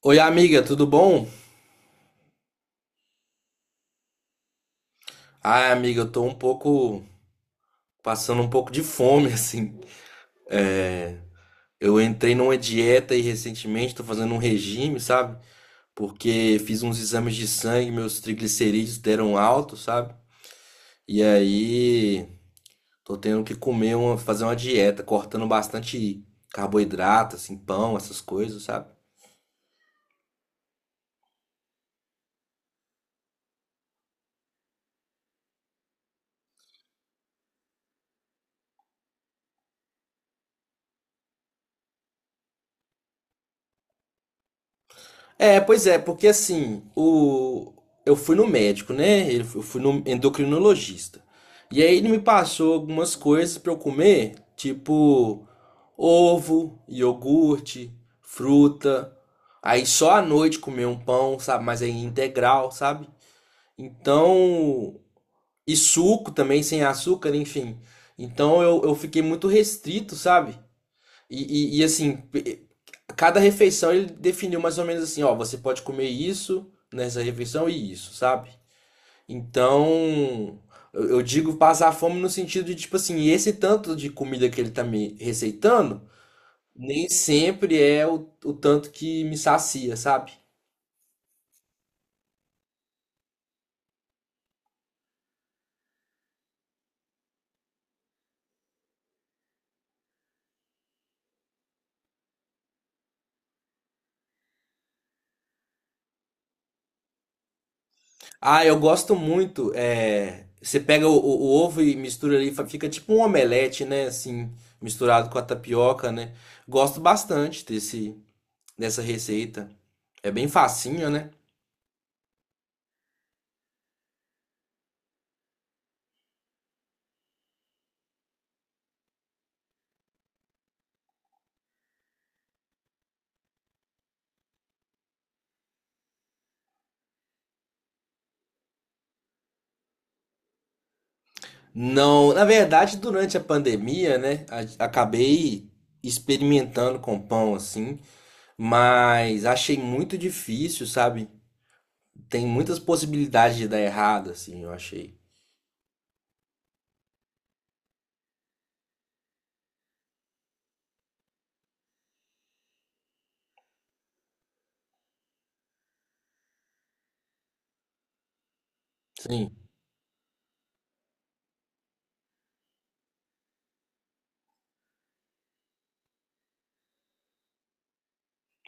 Oi, amiga, tudo bom? Ah, amiga, eu tô um pouco passando um pouco de fome, assim. Eu entrei numa dieta e recentemente tô fazendo um regime, sabe? Porque fiz uns exames de sangue, meus triglicerídeos deram alto, sabe? E aí tô tendo que comer uma, fazer uma dieta, cortando bastante carboidrato, assim, pão, essas coisas, sabe? É, pois é, porque assim, o... eu fui no médico, né? Eu fui no endocrinologista. E aí ele me passou algumas coisas pra eu comer, tipo ovo, iogurte, fruta. Aí só à noite comer um pão, sabe? Mas aí integral, sabe? Então, e suco também, sem açúcar, enfim. Então eu fiquei muito restrito, sabe? Assim, cada refeição ele definiu mais ou menos assim, ó, você pode comer isso nessa refeição e isso, sabe? Então, eu digo passar fome no sentido de, tipo assim, esse tanto de comida que ele tá me receitando, nem sempre é o tanto que me sacia, sabe? Ah, eu gosto muito, é, você pega o ovo e mistura ali, fica tipo um omelete, né, assim, misturado com a tapioca, né? Gosto bastante desse nessa receita. É bem facinho, né? Não, na verdade, durante a pandemia, né, acabei experimentando com pão assim, mas achei muito difícil, sabe? Tem muitas possibilidades de dar errado, assim, eu achei. Sim,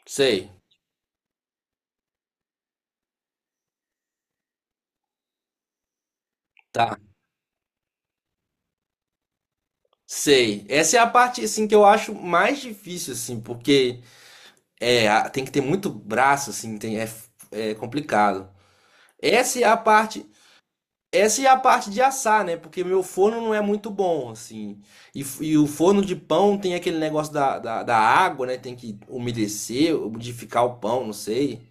sei, tá. Sei. Essa é a parte assim que eu acho mais difícil assim, porque é, tem que ter muito braço assim, tem é, é complicado. Essa é a parte Essa é a parte de assar, né? Porque meu forno não é muito bom, assim. E, e o forno de pão tem aquele negócio da água, né? Tem que umedecer, umidificar o pão, não sei.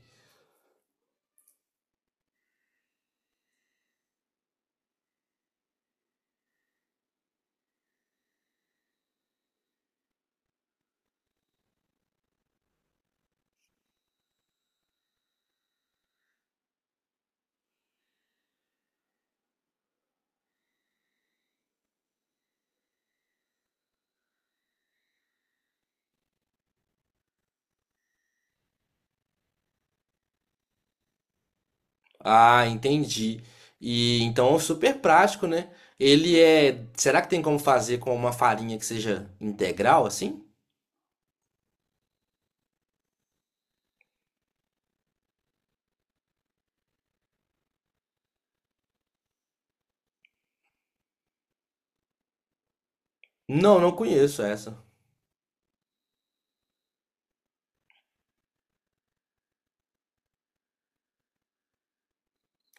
Ah, entendi. E então é super prático, né? Ele é. Será que tem como fazer com uma farinha que seja integral, assim? Não, não conheço essa.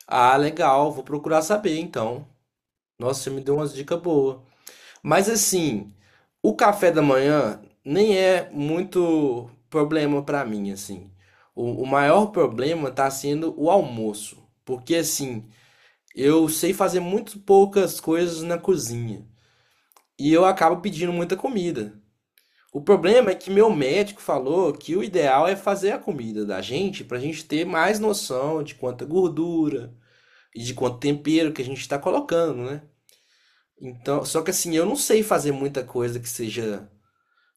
Ah, legal. Vou procurar saber, então. Nossa, você me deu umas dicas boas. Mas assim, o café da manhã nem é muito problema pra mim, assim. O maior problema tá sendo o almoço, porque assim, eu sei fazer muito poucas coisas na cozinha e eu acabo pedindo muita comida. O problema é que meu médico falou que o ideal é fazer a comida da gente pra gente ter mais noção de quanta gordura e de quanto tempero que a gente tá colocando, né? Então, só que assim, eu não sei fazer muita coisa que seja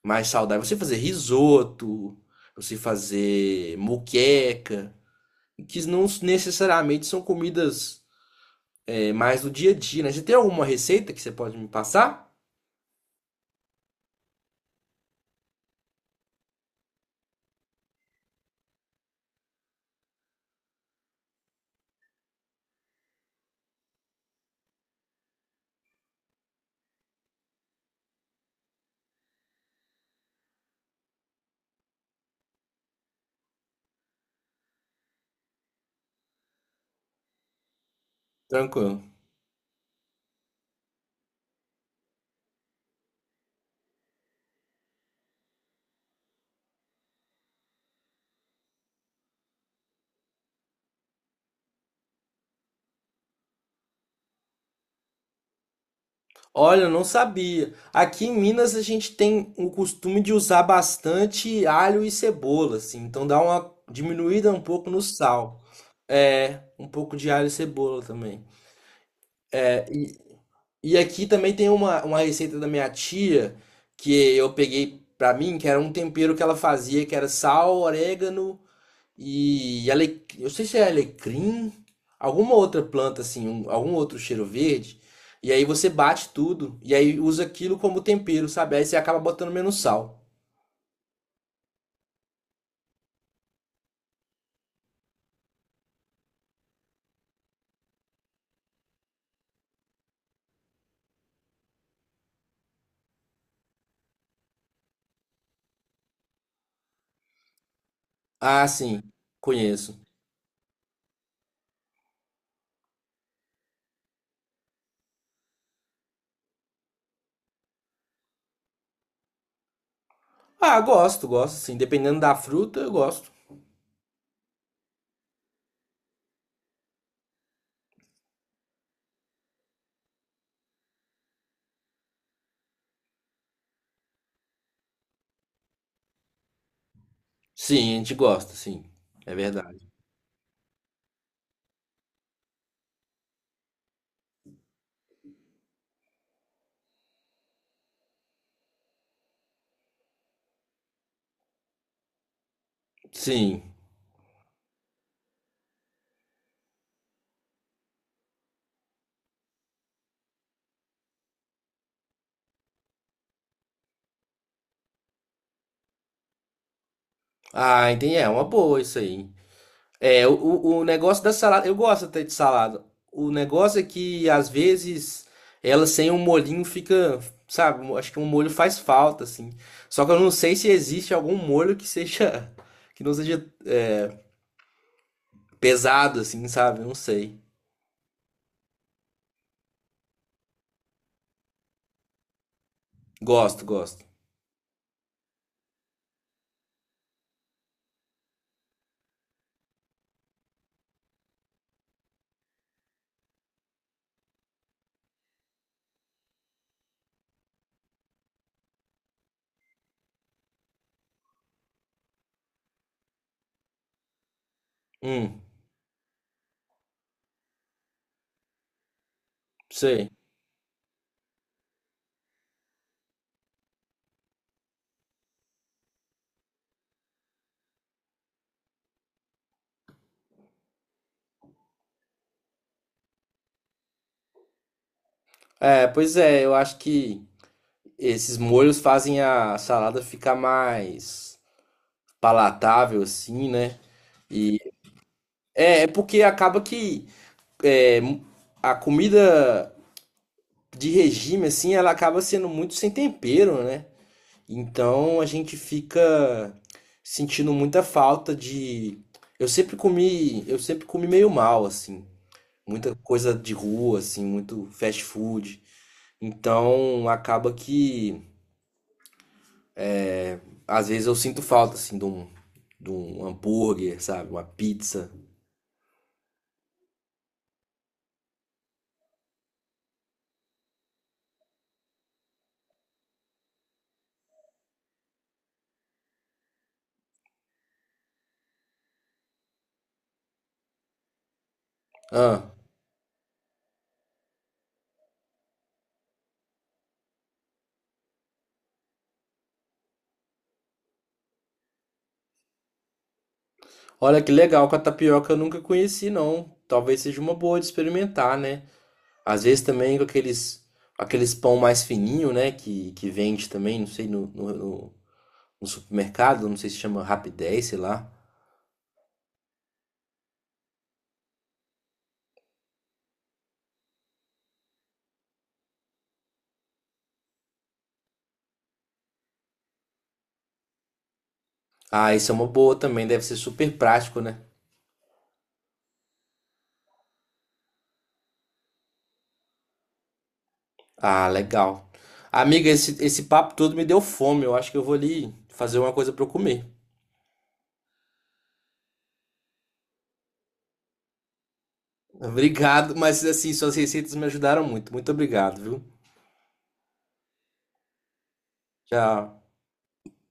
mais saudável. Você fazer risoto, você fazer moqueca, que não necessariamente são comidas é, mais do dia a dia, né? Você tem alguma receita que você pode me passar? Tranquilo. Olha, eu não sabia. Aqui em Minas a gente tem o costume de usar bastante alho e cebola, assim, então dá uma diminuída um pouco no sal. É, um pouco de alho e cebola também. É, E aqui também tem uma receita da minha tia que eu peguei pra mim, que era um tempero que ela fazia, que era sal, orégano e ale... eu sei se é alecrim, alguma outra planta assim, algum outro cheiro verde. E aí você bate tudo e aí usa aquilo como tempero, sabe? Aí você acaba botando menos sal. Ah, sim, conheço. Ah, gosto, gosto, sim. Dependendo da fruta, eu gosto. Sim, a gente gosta, sim. É verdade. Sim. Ah, entendi. É uma boa isso aí. É, o negócio da salada, eu gosto até de salada. O negócio é que às vezes ela sem um molhinho fica, sabe, um, acho que um molho faz falta assim. Só que eu não sei se existe algum molho que seja que não seja pesado assim, sabe? Eu não sei. Gosto, gosto. Hum, sei. É, pois é, eu acho que esses molhos fazem a salada ficar mais palatável assim, né? E é, é porque acaba que é, a comida de regime, assim, ela acaba sendo muito sem tempero, né? Então a gente fica sentindo muita falta de. Eu sempre comi meio mal, assim. Muita coisa de rua, assim, muito fast food. Então acaba que às vezes eu sinto falta, assim, de um hambúrguer, sabe? Uma pizza. Ah, olha que legal, com a tapioca eu nunca conheci, não. Talvez seja uma boa de experimentar, né? Às vezes também com aqueles, aqueles pão mais fininho, né? Que vende também, não sei, no supermercado, não sei se chama Rapidez, sei lá. Ah, isso é uma boa também, deve ser super prático, né? Ah, legal. Amiga, esse papo todo me deu fome, eu acho que eu vou ali fazer uma coisa para eu comer. Obrigado, mas assim, suas receitas me ajudaram muito. Muito obrigado, viu? Tchau.